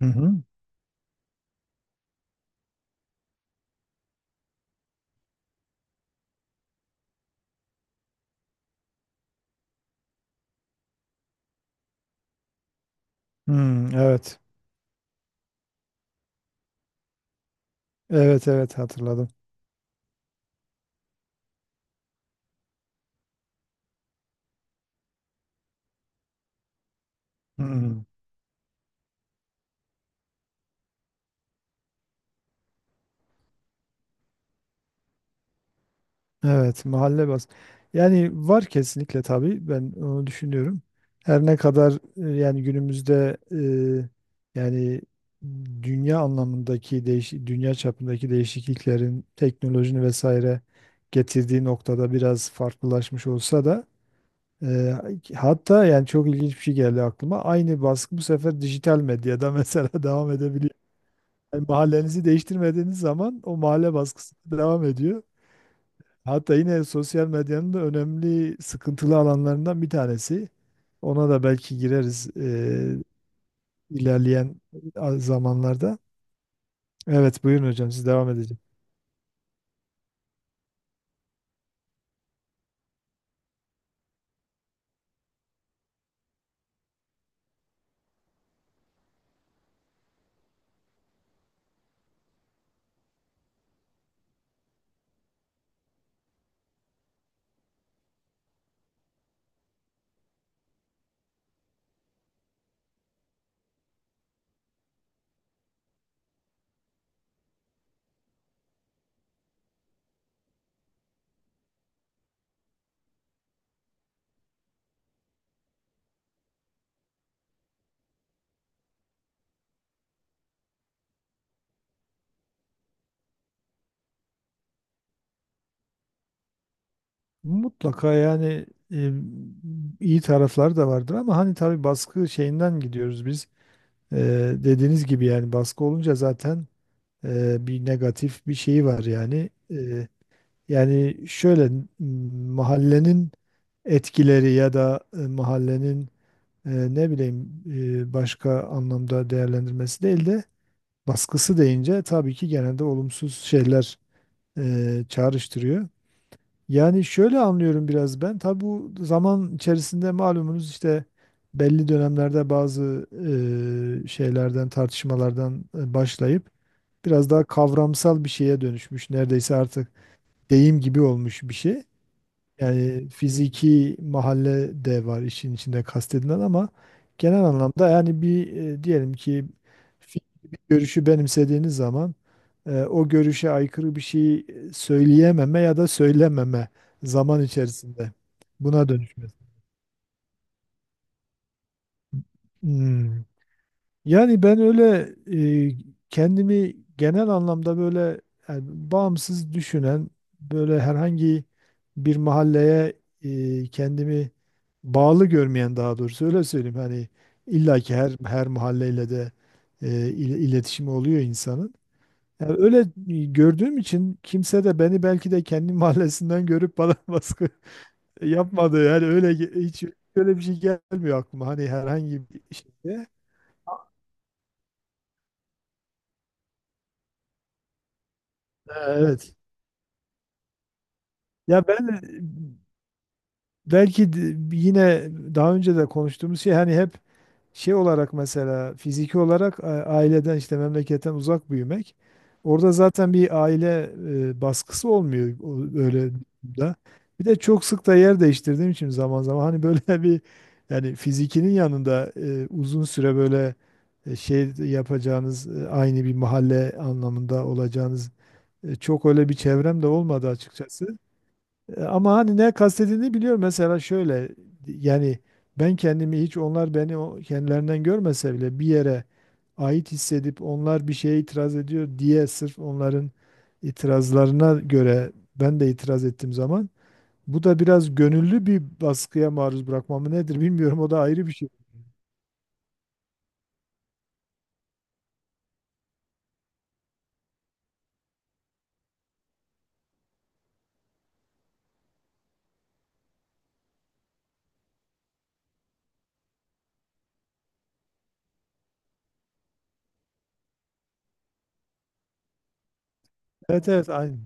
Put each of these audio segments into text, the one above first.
Hı hı. Hmm, evet. Evet, evet, hatırladım. Hmm, evet. mahalle bas. Yani var kesinlikle, tabii ben onu düşünüyorum. Her ne kadar yani günümüzde yani dünya çapındaki değişikliklerin, teknolojinin vesaire getirdiği noktada biraz farklılaşmış olsa da, e, hatta yani çok ilginç bir şey geldi aklıma. Aynı baskı bu sefer dijital medyada mesela devam edebiliyor. Yani mahallenizi değiştirmediğiniz zaman o mahalle baskısı devam ediyor. Hatta yine sosyal medyanın da önemli sıkıntılı alanlarından bir tanesi. Ona da belki gireriz, ilerleyen zamanlarda. Evet, buyurun hocam, siz devam edeceğim. Mutlaka yani, e, iyi tarafları da vardır, ama hani tabii baskı şeyinden gidiyoruz biz. E, Dediğiniz gibi yani baskı olunca zaten bir negatif bir şeyi var yani. Yani şöyle mahallenin etkileri ya da mahallenin, ne bileyim, başka anlamda değerlendirmesi değil de, baskısı deyince tabii ki genelde olumsuz şeyler çağrıştırıyor. Yani şöyle anlıyorum biraz ben. Tabii bu zaman içerisinde malumunuz işte belli dönemlerde bazı şeylerden, tartışmalardan başlayıp biraz daha kavramsal bir şeye dönüşmüş. Neredeyse artık deyim gibi olmuş bir şey. Yani fiziki mahalle de var işin içinde kastedilen, ama genel anlamda yani bir, diyelim ki fikri, bir görüşü benimsediğiniz zaman o görüşe aykırı bir şey söyleyememe ya da söylememe zaman içerisinde buna dönüşmesi. Hmm. Yani ben öyle e, kendimi genel anlamda böyle, yani bağımsız düşünen, böyle herhangi bir mahalleye kendimi bağlı görmeyen, daha doğrusu öyle söyleyeyim. Hani illa ki her mahalleyle de iletişimi oluyor insanın. Yani öyle gördüğüm için kimse de beni, belki de kendi mahallesinden görüp bana baskı yapmadı. Yani öyle hiç öyle bir şey gelmiyor aklıma. Hani herhangi bir şeyde. Evet. Ya ben belki de yine daha önce de konuştuğumuz şey, hani hep şey olarak mesela fiziki olarak aileden, işte memleketten uzak büyümek. Orada zaten bir aile baskısı olmuyor öyle da. Bir de çok sık da yer değiştirdiğim için, zaman zaman hani böyle bir, yani fizikinin yanında uzun süre böyle şey yapacağınız, aynı bir mahalle anlamında olacağınız, çok öyle bir çevrem de olmadı açıkçası. Ama hani ne kastedildiğini biliyorum. Mesela şöyle, yani ben kendimi hiç, onlar beni kendilerinden görmese bile, bir yere ait hissedip, onlar bir şeye itiraz ediyor diye sırf onların itirazlarına göre ben de itiraz ettiğim zaman, bu da biraz gönüllü bir baskıya maruz bırakmamı, nedir bilmiyorum. O da ayrı bir şey. Evet, evet, aynı.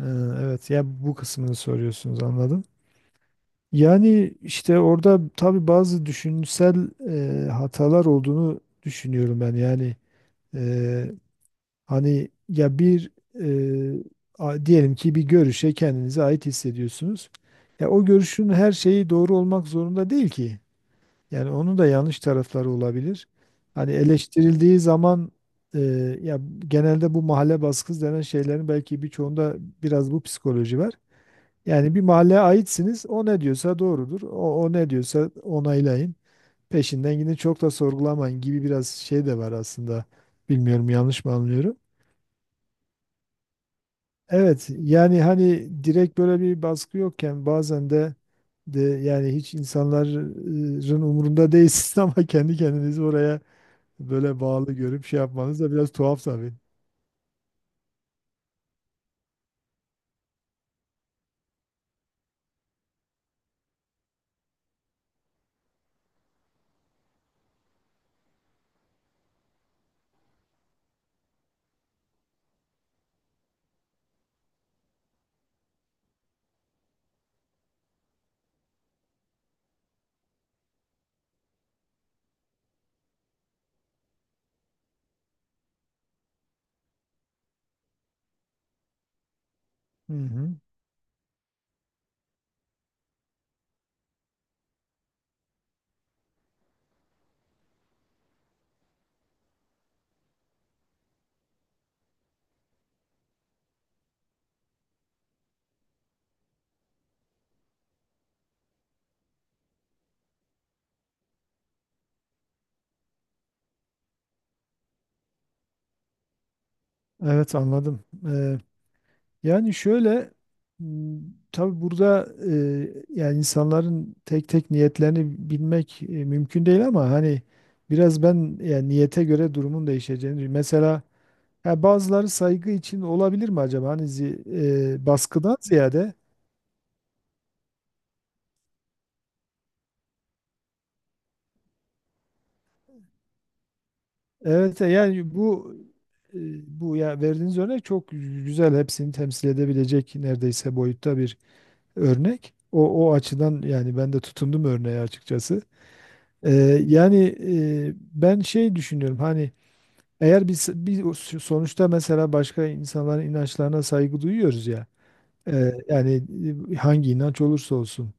Ee, Evet, ya bu kısmını soruyorsunuz, anladım. Yani işte orada tabii bazı düşünsel hatalar olduğunu düşünüyorum ben. Yani e, hani ya bir, e, diyelim ki bir görüşe kendinize ait hissediyorsunuz. Ya o görüşün her şeyi doğru olmak zorunda değil ki. Yani onun da yanlış tarafları olabilir. Hani eleştirildiği zaman, e, ya genelde bu mahalle baskısı denen şeylerin belki birçoğunda biraz bu psikoloji var. Yani bir mahalleye aitsiniz. O ne diyorsa doğrudur. O ne diyorsa onaylayın. Peşinden gidin, çok da sorgulamayın gibi biraz şey de var aslında. Bilmiyorum, yanlış mı anlıyorum? Evet yani, hani direkt böyle bir baskı yokken bazen de yani hiç insanların umurunda değilsiniz, ama kendi kendinizi oraya böyle bağlı görüp şey yapmanız da biraz tuhaf tabii. Hı hı. Evet, anladım. Yani şöyle, m, tabii burada yani insanların tek tek niyetlerini bilmek mümkün değil, ama hani biraz ben yani niyete göre durumun değişeceğini, mesela, ya bazıları saygı için olabilir mi acaba, hani baskıdan ziyade. Evet, yani e, bu ya verdiğiniz örnek çok güzel, hepsini temsil edebilecek neredeyse boyutta bir örnek. O açıdan yani ben de tutundum örneğe açıkçası. Ee, Yani e, ben şey düşünüyorum, hani eğer biz o sonuçta, mesela, başka insanların inançlarına saygı duyuyoruz ya. Yani hangi inanç olursa olsun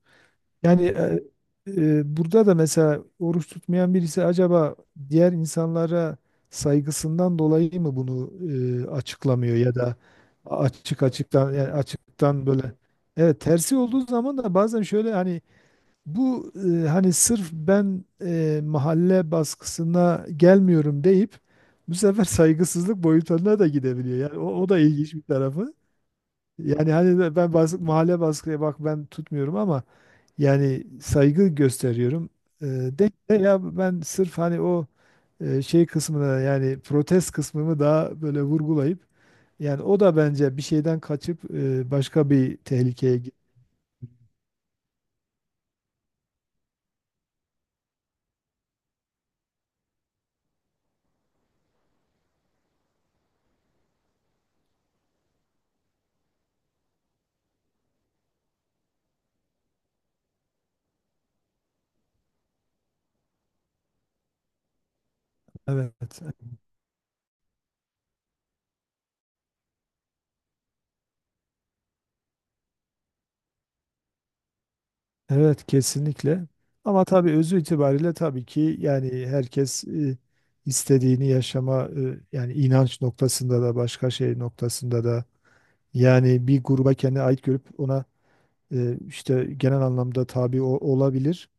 yani, burada da mesela oruç tutmayan birisi acaba diğer insanlara saygısından dolayı mı bunu açıklamıyor, ya da açıktan, yani açıktan böyle. Evet, tersi olduğu zaman da bazen şöyle hani bu, hani sırf ben mahalle baskısına gelmiyorum deyip, bu sefer saygısızlık boyutlarına da gidebiliyor. Yani o da ilginç bir tarafı. Yani hani de ben, mahalle baskıya bak, ben tutmuyorum ama yani saygı gösteriyorum. De ya ben sırf hani o, şey kısmına, yani protest kısmımı daha böyle vurgulayıp, yani o da bence bir şeyden kaçıp başka bir tehlikeye gidiyor. Evet. Evet, kesinlikle. Ama tabii özü itibariyle tabii ki yani herkes istediğini yaşama, yani inanç noktasında da, başka şey noktasında da, yani bir gruba kendine ait görüp ona işte, genel anlamda tabi olabilir.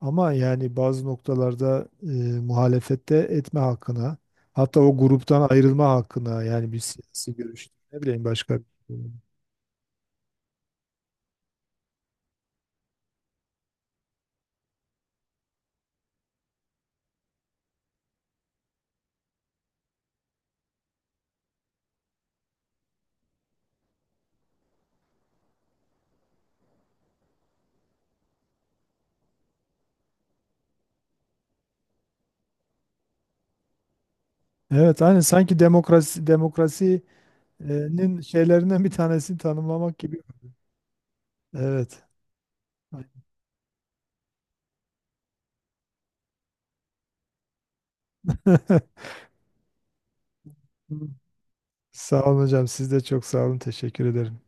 Ama yani bazı noktalarda muhalefet etme hakkına, hatta o gruptan ayrılma hakkına, yani bir siyasi görüş, ne bileyim başka. bir- Evet, aynı sanki demokrasi e, nin şeylerinden bir tanesini tanımlamak gibi. Evet. Sağ olun hocam. Siz de çok sağ olun. Teşekkür ederim.